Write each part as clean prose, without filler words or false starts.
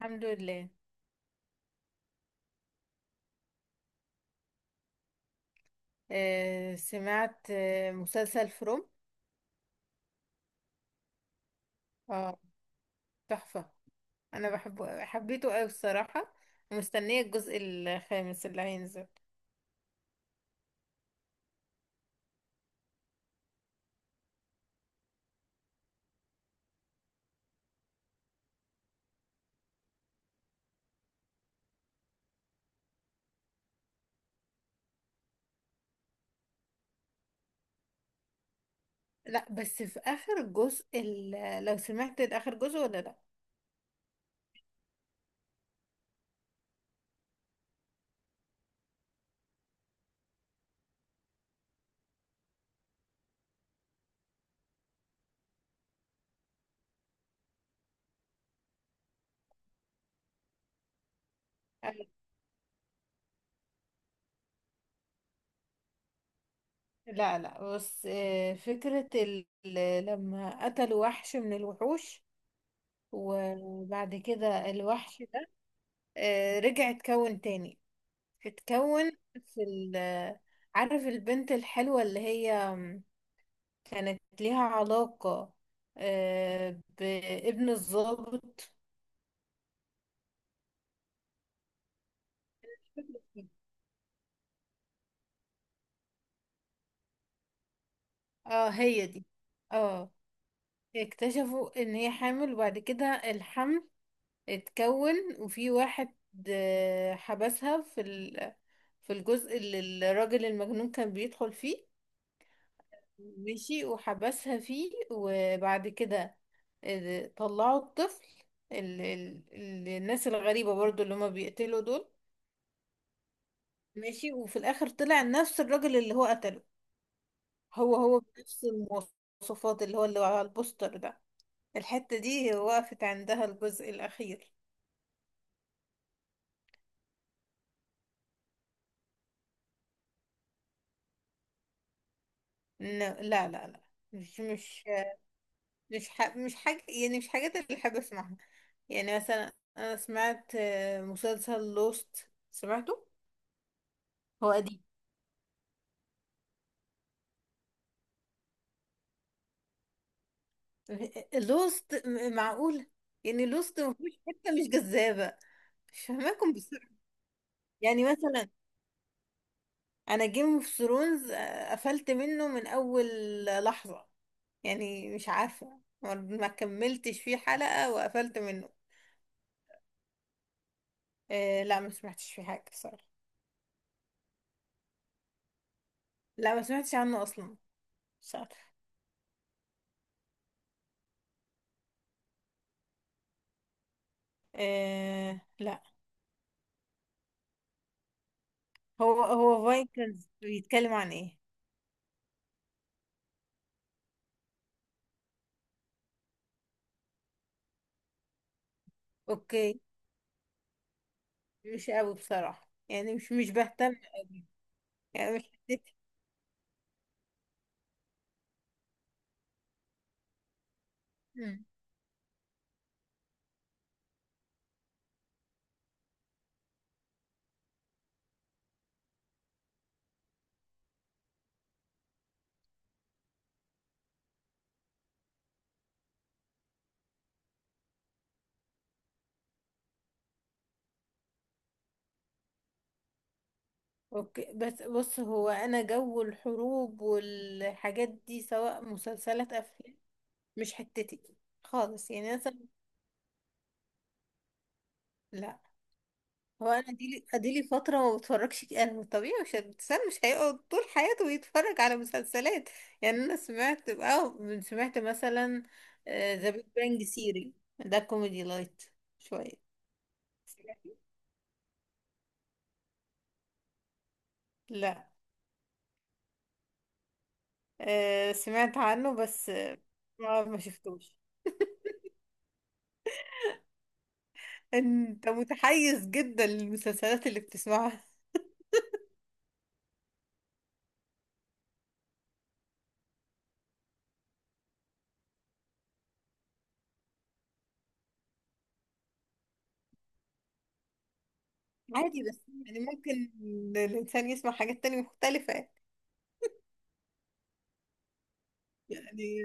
الحمد لله. سمعت مسلسل فروم. اه تحفة. انا بحبه حبيته قوي الصراحة، ومستنية الجزء الخامس اللي هينزل. لا بس في اخر جزء لو سمعت اخر جزء ولا لا؟ آه. لا لا بس آه فكرة لما قتلوا وحش من الوحوش، وبعد كده الوحش ده رجع اتكون تاني. اتكون في عارف البنت الحلوة اللي هي كانت ليها علاقة بابن الضابط. اه هي دي. اه. اكتشفوا ان هي حامل، وبعد كده الحمل اتكون. وفي واحد حبسها في في الجزء اللي الراجل المجنون كان بيدخل فيه. مشي وحبسها فيه، وبعد كده طلعوا الطفل. الناس الغريبة برضو اللي هما بيقتلوا دول. ماشي، وفي الاخر طلع نفس الراجل اللي هو قتله. هو بنفس المواصفات، اللي هو اللي على البوستر ده. الحتة دي وقفت عندها الجزء الاخير. إن- لا لا لا. مش مش مش حاجة، يعني مش حاجات اللي بحب اسمعها. يعني مثلا انا سمعت مسلسل لوست. سمعته؟ هو قديم. لوست. معقول؟ يعني لوست مفيش حتة مش جذابة. مش فاهماكم بسرعة. يعني مثلا انا جيم اوف ثرونز قفلت منه من اول لحظة. يعني مش عارفة، ما كملتش فيه حلقة وقفلت منه. آه لا، ما سمعتش فيه حاجة بصراحة. لا، ما سمعتش عنه اصلا. مش عارفة. آه لا. هو فايكنز بيتكلم عن ايه؟ اوكي. مش قوي بصراحة، يعني مش بهتم قوي. يعني مش حسيت. مم. اوكي، بس بص هو انا جو الحروب والحاجات دي سواء مسلسلات افلام مش حتتي خالص. يعني مثلا لا، هو انا اديلي فتره ما بتفرجش. انا طبيعي، مش الانسان مش هيقعد طول حياته يتفرج على مسلسلات. يعني انا سمعت او سمعت مثلا ذا بيج بانج سيري. ده كوميدي لايت شويه. سمعتي؟ لا. سمعت عنه، بس ما شفتوش. انت متحيز جدا للمسلسلات اللي بتسمعها. عادي، بس يعني ممكن الانسان يسمع حاجات تانية مختلفه، يعني.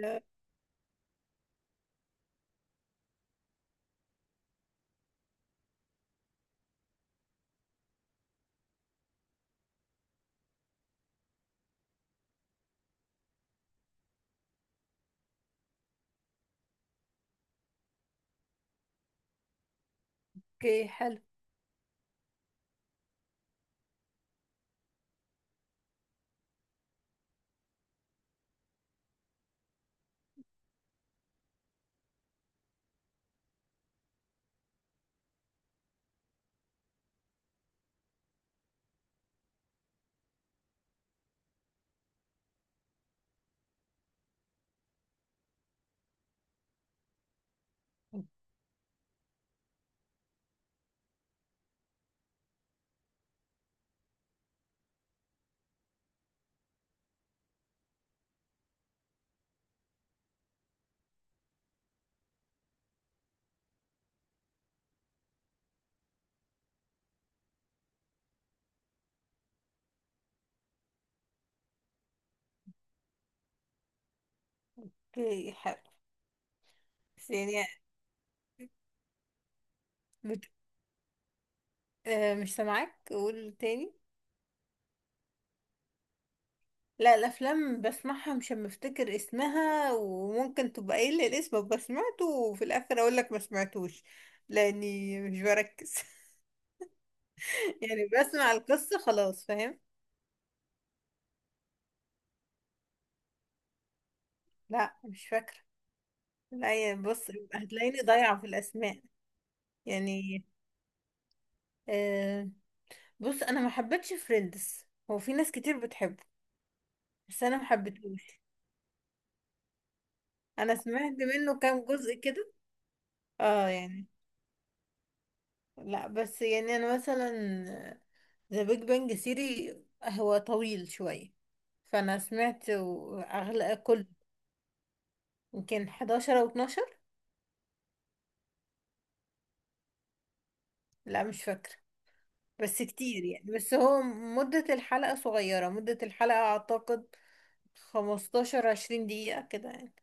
اوكي حلو. اوكي حلو. بس يعني بت... آه مش سامعاك، قول تاني. لا، الافلام بسمعها، مش أما افتكر اسمها، وممكن تبقى قايل لي الاسم ابقى سمعته، وفي الاخر اقول لك ما سمعتوش، لاني مش بركز. يعني بسمع القصة خلاص، فاهم. لا مش فاكرة. لا، يعني بص هتلاقيني ضايعة في الاسماء، يعني. آه. بص انا ما حبيتش فريندز، هو في ناس كتير بتحبه بس انا ما حبيتهوش. انا سمعت منه كام جزء كده. اه يعني. لا بس يعني انا مثلا ذا بيج بانج ثيري هو طويل شوية. فانا سمعت اغلى كل، يمكن 11 او 12. لا مش فاكرة. بس كتير يعني. بس هو مدة الحلقة صغيرة، مدة الحلقة اعتقد 15 20 دقيقة كده يعني.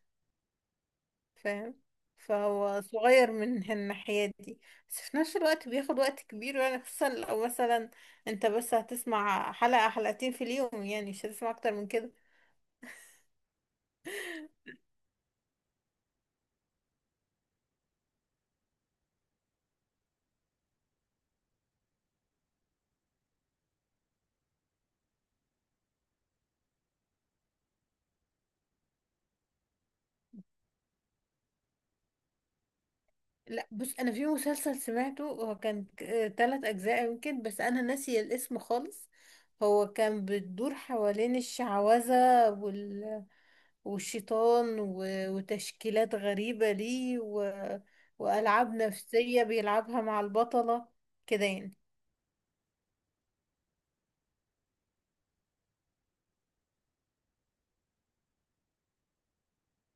فاهم. فهو صغير من الناحية دي. بس في نفس الوقت بياخد وقت كبير يعني، خصوصا لو مثلا انت بس هتسمع حلقة حلقتين في اليوم، يعني مش هتسمع اكتر من كده. لا، بص انا في مسلسل سمعته هو كان تلات اجزاء يمكن، بس انا ناسي الاسم خالص. هو كان بتدور حوالين الشعوذة والشيطان وتشكيلات غريبة ليه وألعاب نفسية بيلعبها مع البطلة كده يعني.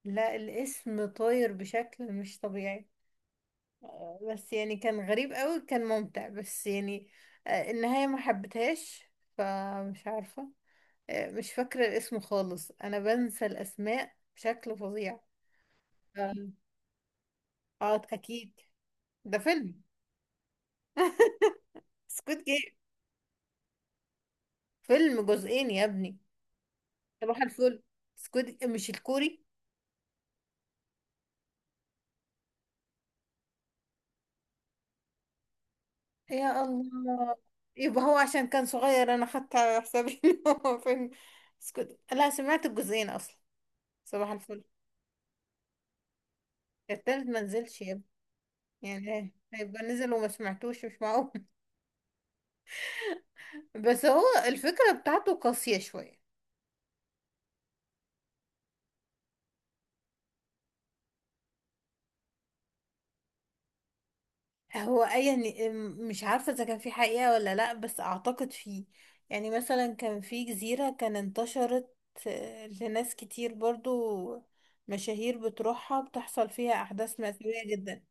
لا، الاسم طاير بشكل مش طبيعي. بس يعني كان غريب قوي، كان ممتع، بس يعني النهاية ما حبيتهاش، فمش عارفة. مش فاكرة الاسم خالص، انا بنسى الاسماء بشكل فظيع. اه. اكيد. ده فيلم سكوت جيم. فيلم جزئين يا ابني. صباح الفل. سكوت، مش الكوري. يا الله، يبقى هو عشان كان صغير انا خدت على حسابي إن هو فيلم. سكوت، لا سمعت الجزئين اصلا. صباح الفل. التالت ما نزلش يا ابني. يعني إيه؟ هيبقى نزل وما سمعتوش، مش معقول. بس هو الفكرة بتاعته قاسية شوية. هو أي يعني مش عارفة إذا كان في حقيقة ولا لأ، بس أعتقد فيه. يعني مثلا كان في جزيرة، كان انتشرت لناس كتير برضو، مشاهير بتروحها، بتحصل فيها أحداث مأساوية جدا.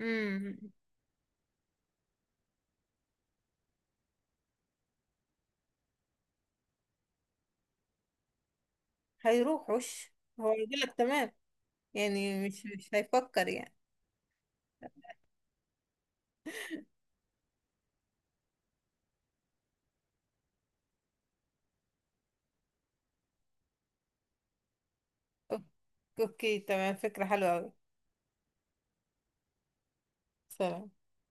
امم. هيروحوش. هو يقولك تمام. يعني مش هيفكر يعني. أوك- أوكي تمام، فكرة حلوة أوي. سلام.